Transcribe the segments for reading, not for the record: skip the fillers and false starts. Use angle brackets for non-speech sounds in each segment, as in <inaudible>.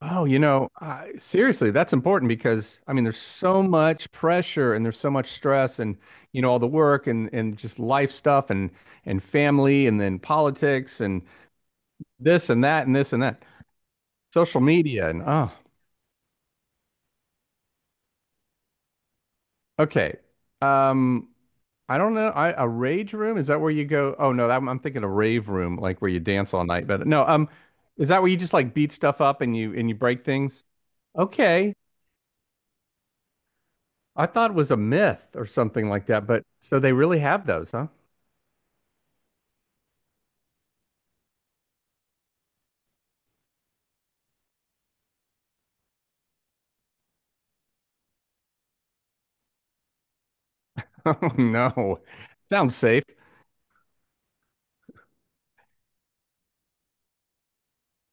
Oh, seriously, that's important because there's so much pressure and there's so much stress and all the work and just life stuff and family and then politics and this and that and this and that. Social media and oh, okay. Um, I don't know. I a rage room, is that where you go? Oh no, that, I'm thinking a rave room, like where you dance all night. But no, is that where you just beat stuff up and you break things? Okay, I thought it was a myth or something like that, but so they really have those, huh? <laughs> Oh no. Sounds safe.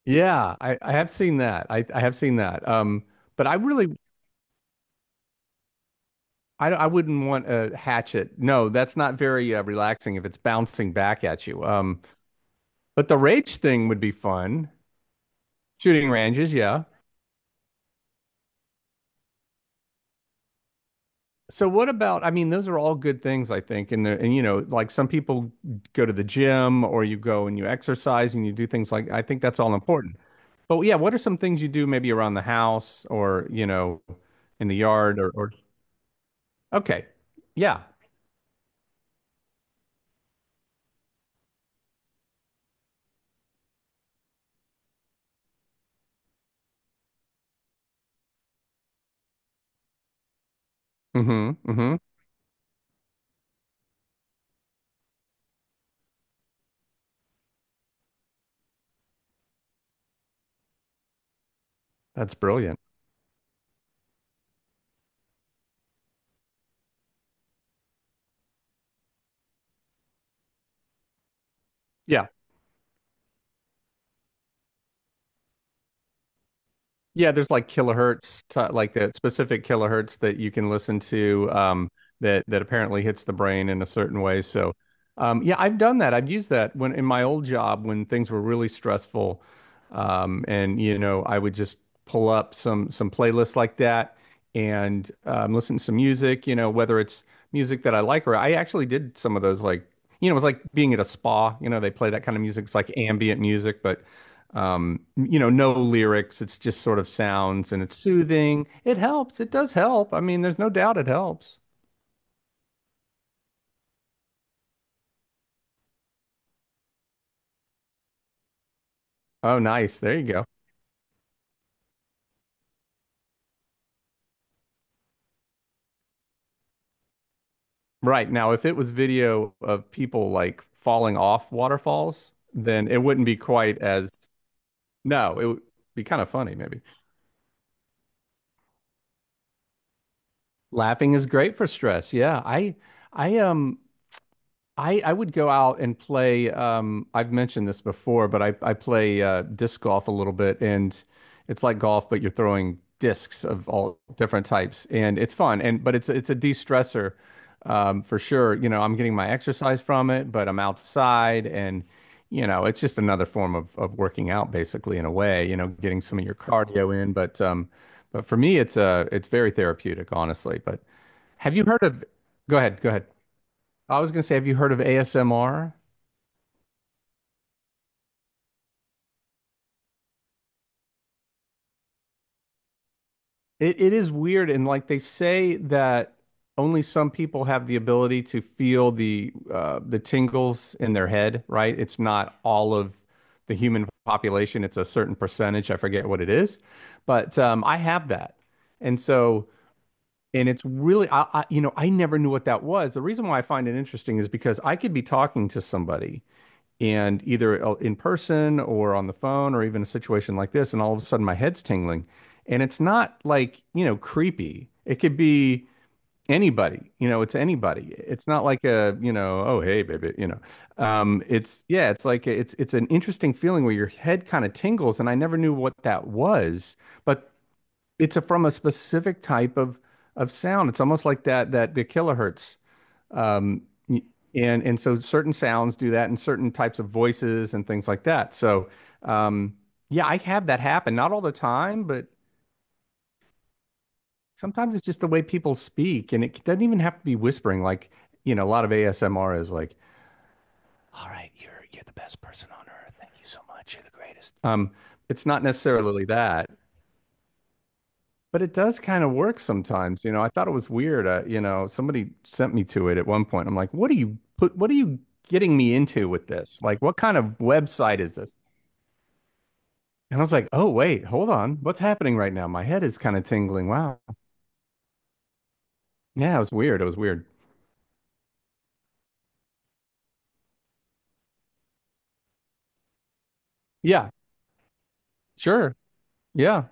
Yeah, I have seen that. I have seen that. But I really I wouldn't want a hatchet. No, that's not very relaxing if it's bouncing back at you. But the rage thing would be fun. Shooting ranges, yeah. So what about, those are all good things, I think. And the, and like some people go to the gym or you go and you exercise and you do things I think that's all important. But yeah, what are some things you do maybe around the house or, in the yard or okay. Yeah. Mm-hmm. Mm-hmm. That's brilliant. Yeah. Yeah, there's like kilohertz, to, like the specific kilohertz that you can listen to that that apparently hits the brain in a certain way. So, yeah, I've done that. I've used that when in my old job when things were really stressful, and I would just pull up some playlists like that and listen to some music. Whether it's music that I like or I actually did some of those it was like being at a spa. You know, they play that kind of music. It's like ambient music, but no lyrics. It's just sort of sounds and it's soothing. It helps. It does help. There's no doubt it helps. Oh, nice. There you go. Right. Now, if it was video of people like falling off waterfalls, then it wouldn't be quite as, no, it would be kind of funny maybe. Laughing is great for stress. Yeah. I, um, I would go out and play. I've mentioned this before, but I play disc golf a little bit, and it's like golf, but you're throwing discs of all different types, and it's fun. And but it's a de-stressor for sure. You know, I'm getting my exercise from it, but I'm outside, and it's just another form of working out, basically, in a way. You know, getting some of your cardio in. But for me, it's very therapeutic, honestly. But have you heard of? Go ahead, go ahead. I was gonna say, have you heard of ASMR? It is weird, and they say that only some people have the ability to feel the tingles in their head, right? It's not all of the human population; it's a certain percentage. I forget what it is, but I have that, and so and it's really, I I never knew what that was. The reason why I find it interesting is because I could be talking to somebody, and either in person or on the phone or even a situation like this, and all of a sudden my head's tingling, and it's not like creepy. It could be anybody, it's anybody. It's not like a, oh hey baby, it's yeah, it's it's an interesting feeling where your head kind of tingles, and I never knew what that was, but it's a, from a specific type of sound. It's almost like that the kilohertz, um, and so certain sounds do that, and certain types of voices and things like that. So, um, yeah, I have that happen. Not all the time, but sometimes it's just the way people speak, and it doesn't even have to be whispering. Like, a lot of ASMR is like, "All right, you're the best person on earth. Thank you so much. You're the greatest." It's not necessarily that. But it does kind of work sometimes, you know. I thought it was weird. You know, somebody sent me to it at one point. I'm like, what are you getting me into with this? Like, what kind of website is this? And I was like, oh, wait, hold on. What's happening right now? My head is kind of tingling. Wow. Yeah, it was weird. It was weird. Yeah, sure. Yeah.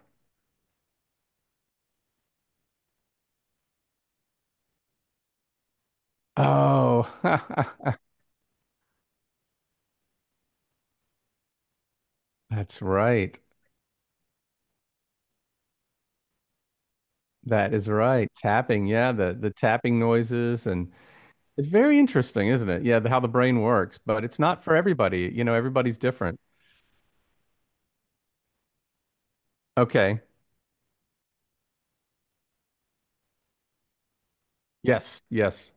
Oh, <laughs> that's right. That is right. Tapping. Yeah, the tapping noises and it's very interesting, isn't it? Yeah, the, how the brain works, but it's not for everybody. You know, everybody's different. Okay. Yes. Yes.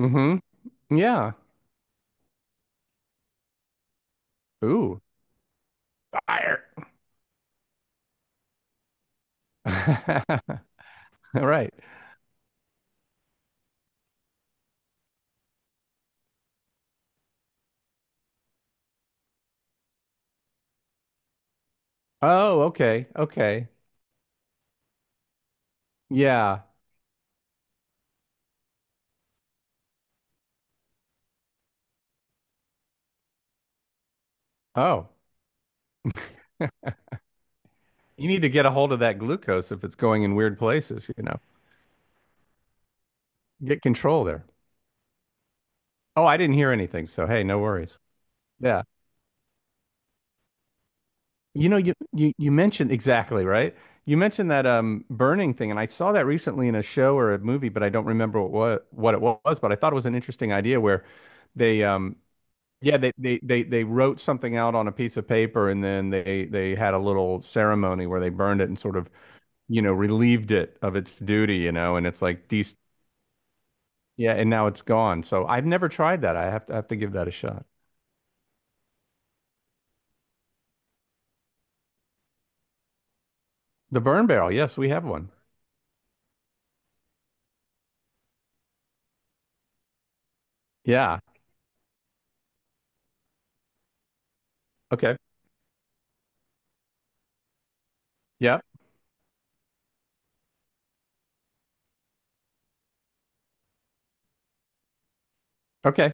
Mm-hmm. Yeah. Ooh. Fire. <laughs> All right. Oh, okay. Okay. Yeah. Oh, you need to get a hold of that glucose if it's going in weird places, you know. Get control there. Oh, I didn't hear anything, so hey, no worries. Yeah. You know, you mentioned exactly, right? You mentioned that burning thing, and I saw that recently in a show or a movie, but I don't remember what it was, but I thought it was an interesting idea where they yeah, they, they wrote something out on a piece of paper, and then they had a little ceremony where they burned it and sort of, you know, relieved it of its duty, you know, and it's like these yeah, and now it's gone. So I've never tried that. I have to give that a shot. The burn barrel, yes, we have one. Yeah. Okay. Yeah. Okay.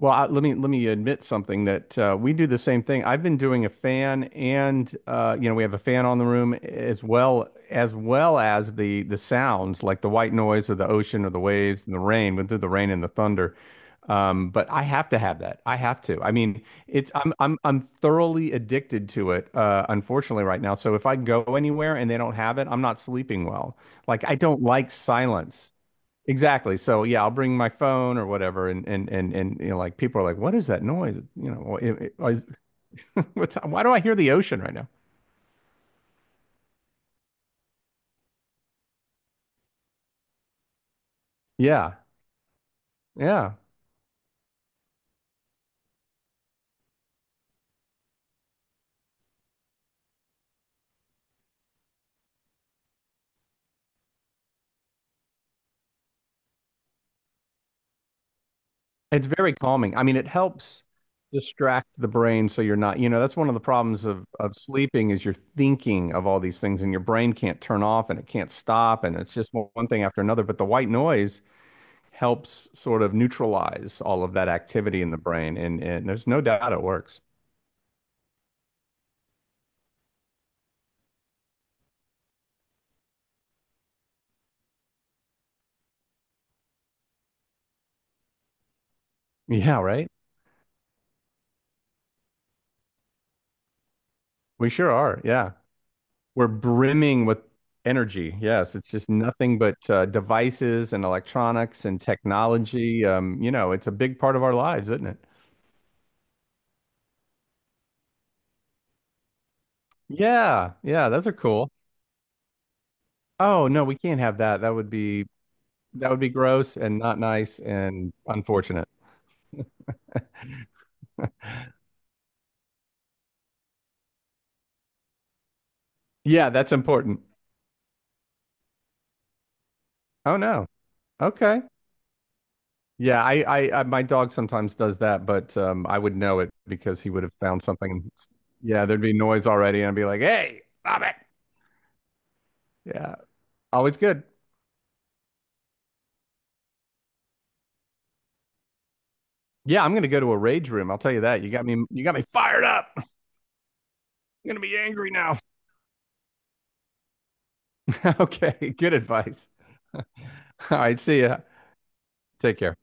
Well, I, let me admit something that we do the same thing. I've been doing a fan, and you know we have a fan on the room as well as well as the sounds like the white noise or the ocean or the waves and the rain. We do the rain and the thunder, but I have to have that. I have to. I mean, it's I'm thoroughly addicted to it. Unfortunately, right now. So if I go anywhere and they don't have it, I'm not sleeping well. Like I don't like silence. Exactly. So yeah, I'll bring my phone or whatever, and you know, like people are like, "What is that noise?" You know, well, is- <laughs> what's why do I hear the ocean right now? Yeah, yeah. It's very calming. I mean, it helps distract the brain so you're not, you know. That's one of the problems of sleeping is you're thinking of all these things, and your brain can't turn off and it can't stop and it's just one thing after another. But the white noise helps sort of neutralize all of that activity in the brain, and there's no doubt it works. Yeah, right. We sure are. Yeah. We're brimming with energy. Yes, it's just nothing but devices and electronics and technology. You know, it's a big part of our lives, isn't it? Yeah, yeah, those are cool. Oh no, we can't have that. That would be gross and not nice and unfortunate. Yeah, that's important. Oh no. Okay. Yeah, I my dog sometimes does that, but I would know it because he would have found something. Yeah, there'd be noise already, and I'd be like, "Hey, stop it!" Yeah, always good. Yeah, I'm gonna go to a rage room. I'll tell you that. You got me fired up. I'm gonna be angry now. <laughs> Okay, good advice. <laughs> All right, see ya. Take care.